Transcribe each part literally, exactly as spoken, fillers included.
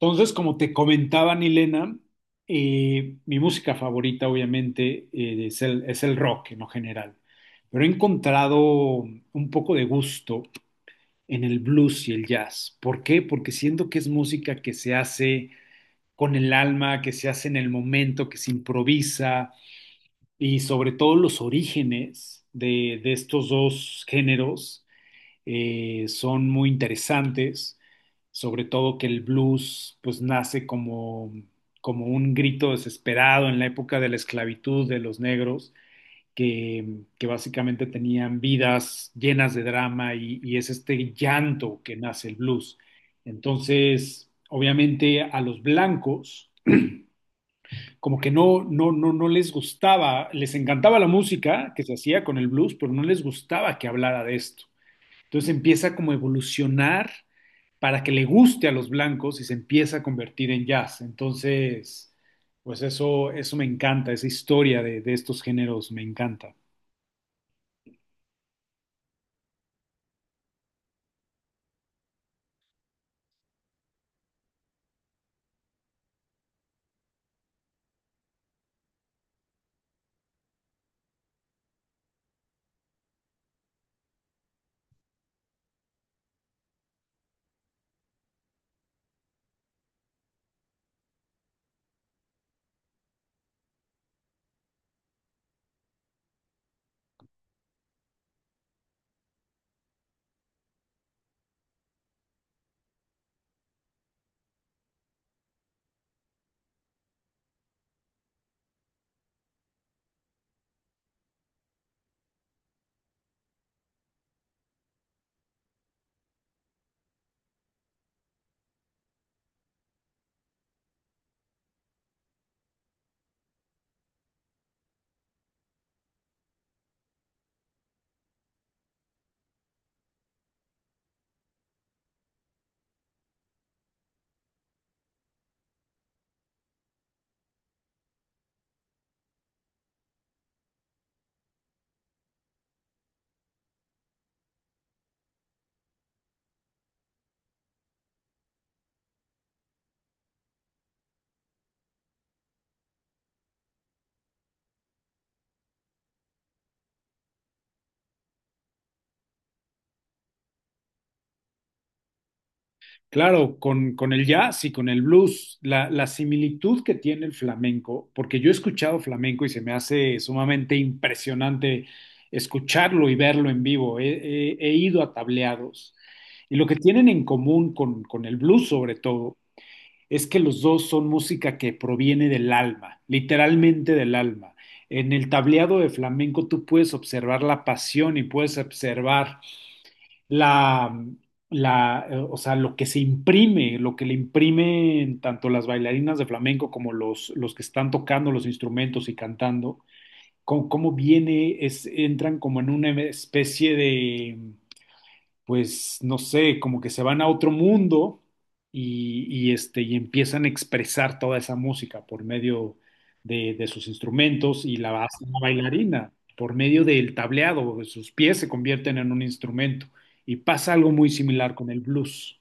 Entonces, como te comentaba Nilena, eh, mi música favorita obviamente eh, es el, es el rock en lo general, pero he encontrado un poco de gusto en el blues y el jazz. ¿Por qué? Porque siento que es música que se hace con el alma, que se hace en el momento, que se improvisa y sobre todo los orígenes de, de estos dos géneros eh, son muy interesantes, sobre todo que el blues pues nace como, como un grito desesperado en la época de la esclavitud de los negros, que, que básicamente tenían vidas llenas de drama y, y es este llanto que nace el blues. Entonces, obviamente a los blancos como que no, no, no, no les gustaba, les encantaba la música que se hacía con el blues, pero no les gustaba que hablara de esto. Entonces empieza como a evolucionar para que le guste a los blancos y se empieza a convertir en jazz. Entonces, pues eso, eso me encanta, esa historia de, de estos géneros me encanta. Claro, con, con el jazz y con el blues, la, la similitud que tiene el flamenco, porque yo he escuchado flamenco y se me hace sumamente impresionante escucharlo y verlo en vivo. He, he- he ido a tableados y lo que tienen en común con, con el blues sobre todo es que los dos son música que proviene del alma, literalmente del alma. En el tableado de flamenco tú puedes observar la pasión y puedes observar la, la, eh, o sea, lo que se imprime, lo que le imprimen tanto las bailarinas de flamenco como los, los que están tocando los instrumentos y cantando, cómo, cómo viene, es, entran como en una especie de pues no sé, como que se van a otro mundo y, y, este, y empiezan a expresar toda esa música por medio de, de sus instrumentos y la hace una bailarina, por medio del tableado, sus pies se convierten en un instrumento y pasa algo muy similar con el blues.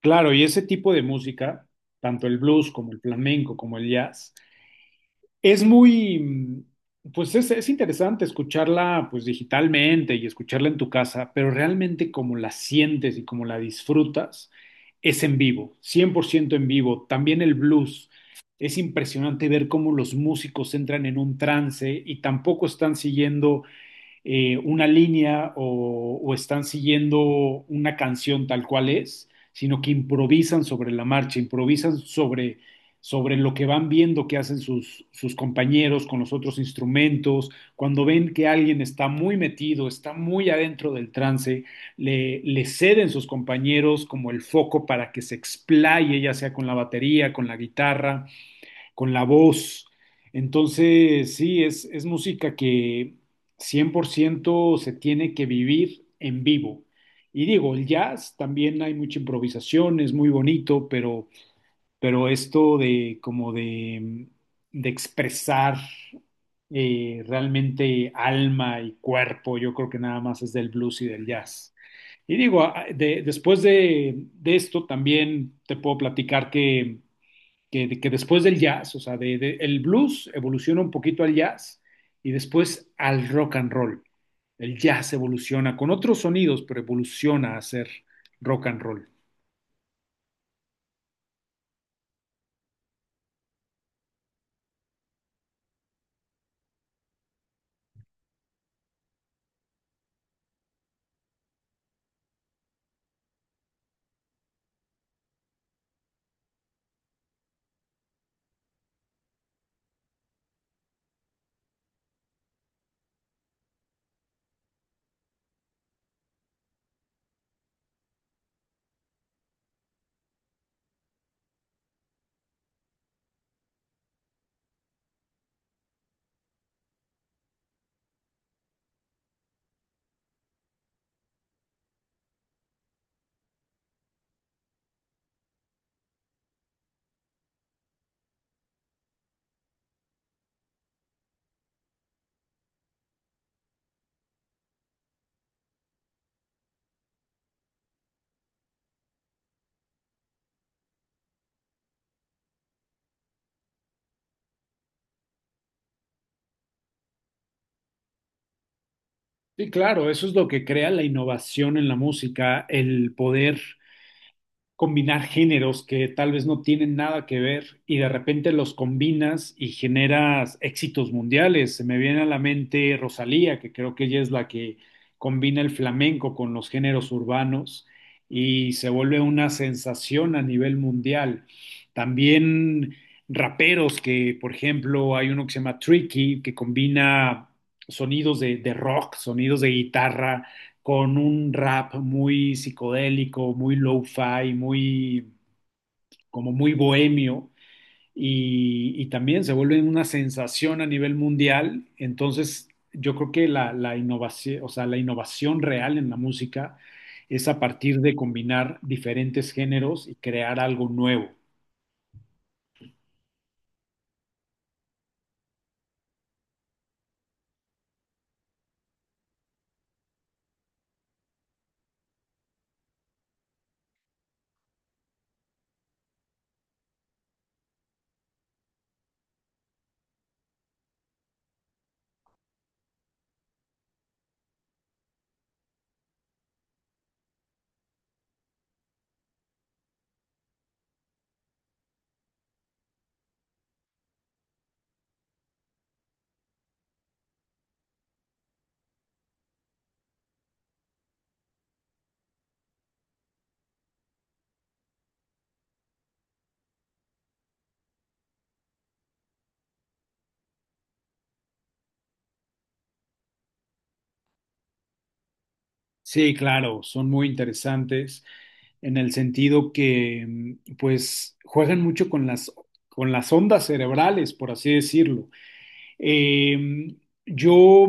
Claro, y ese tipo de música, tanto el blues como el flamenco, como el jazz, es muy, pues es, es interesante escucharla pues digitalmente y escucharla en tu casa, pero realmente como la sientes y como la disfrutas es en vivo, cien por ciento en vivo. También el blues. Es impresionante ver cómo los músicos entran en un trance y tampoco están siguiendo eh, una línea o, o están siguiendo una canción tal cual es, sino que improvisan sobre la marcha, improvisan sobre sobre lo que van viendo que hacen sus, sus, compañeros con los otros instrumentos, cuando ven que alguien está muy metido, está muy adentro del trance, le, le, ceden sus compañeros como el foco para que se explaye, ya sea con la batería, con la guitarra, con la voz. Entonces, sí, es, es música que cien por ciento se tiene que vivir en vivo. Y digo, el jazz también hay mucha improvisación, es muy bonito, pero, pero esto de como de, de expresar eh, realmente alma y cuerpo, yo creo que nada más es del blues y del jazz. Y digo, a- de- después de, de esto también te puedo platicar que que, que después del jazz, o sea, de, de, el blues evoluciona un poquito al jazz y después al rock and roll. El jazz evoluciona con otros sonidos, pero evoluciona a ser rock and roll. Sí, claro, eso es lo que crea la innovación en la música, el poder combinar géneros que tal vez no tienen nada que ver y de repente los combinas y generas éxitos mundiales. Se me viene a la mente Rosalía, que creo que ella es la que combina el flamenco con los géneros urbanos y se vuelve una sensación a nivel mundial. También raperos que, por ejemplo, hay uno que se llama Tricky, que combina sonidos de, de rock, sonidos de guitarra con un rap muy psicodélico, muy lo-fi, muy, como muy bohemio, y, y también se vuelve una sensación a nivel mundial. Entonces, yo creo que la, la innovación, o sea, la innovación real en la música es a partir de combinar diferentes géneros y crear algo nuevo. Sí, claro, son muy interesantes en el sentido que, mm, pues, juegan mucho con las, con las ondas cerebrales, por así decirlo. Eh, yo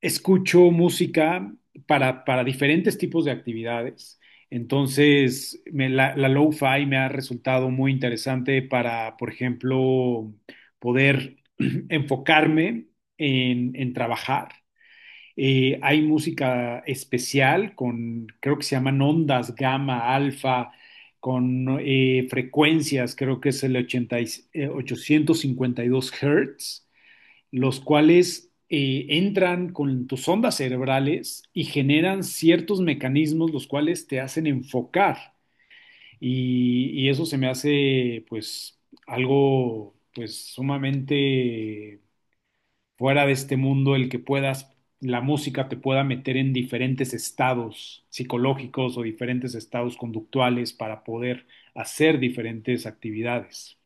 escucho música para, para diferentes tipos de actividades. Entonces, me- la, la lo-fi me ha resultado muy interesante para, por ejemplo, poder enfocarme en, en trabajar. Eh, hay música especial con, creo que se llaman ondas, gamma, alfa, con eh, frecuencias, creo que es el ochenta y- eh, ochocientos cincuenta y dos Hz, los cuales eh, entran con tus ondas cerebrales y generan ciertos mecanismos los cuales te hacen enfocar. Y, y eso se me hace pues algo pues sumamente fuera de este mundo el que puedas la música te pueda meter en diferentes estados psicológicos o diferentes estados conductuales para poder hacer diferentes actividades.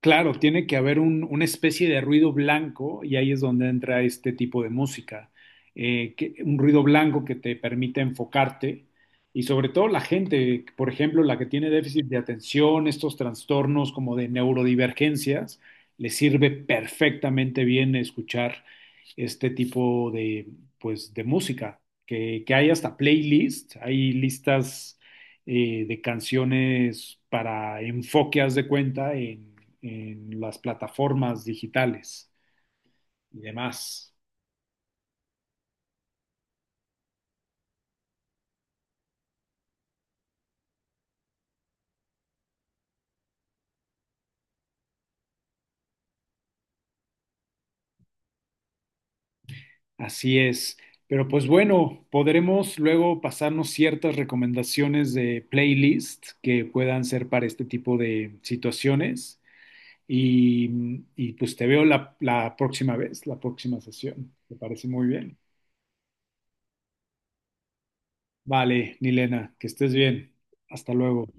Claro, tiene que haber un- una especie de ruido blanco y ahí es donde entra este tipo de música. Eh, que- un ruido blanco que te permite enfocarte y sobre todo la gente, por ejemplo, la que tiene déficit de atención, estos trastornos como de neurodivergencias, le sirve perfectamente bien escuchar este tipo de, pues, de música, que, que hay hasta playlists, hay listas eh, de canciones para enfoque, haz de cuenta, en, en las plataformas digitales y demás. Así es. Pero pues bueno, podremos luego pasarnos ciertas recomendaciones de playlist que puedan ser para este tipo de situaciones. Y, mm, y, pues te veo la, la próxima vez, la próxima sesión. Me parece muy bien. Vale, Nilena, que estés bien. Hasta luego.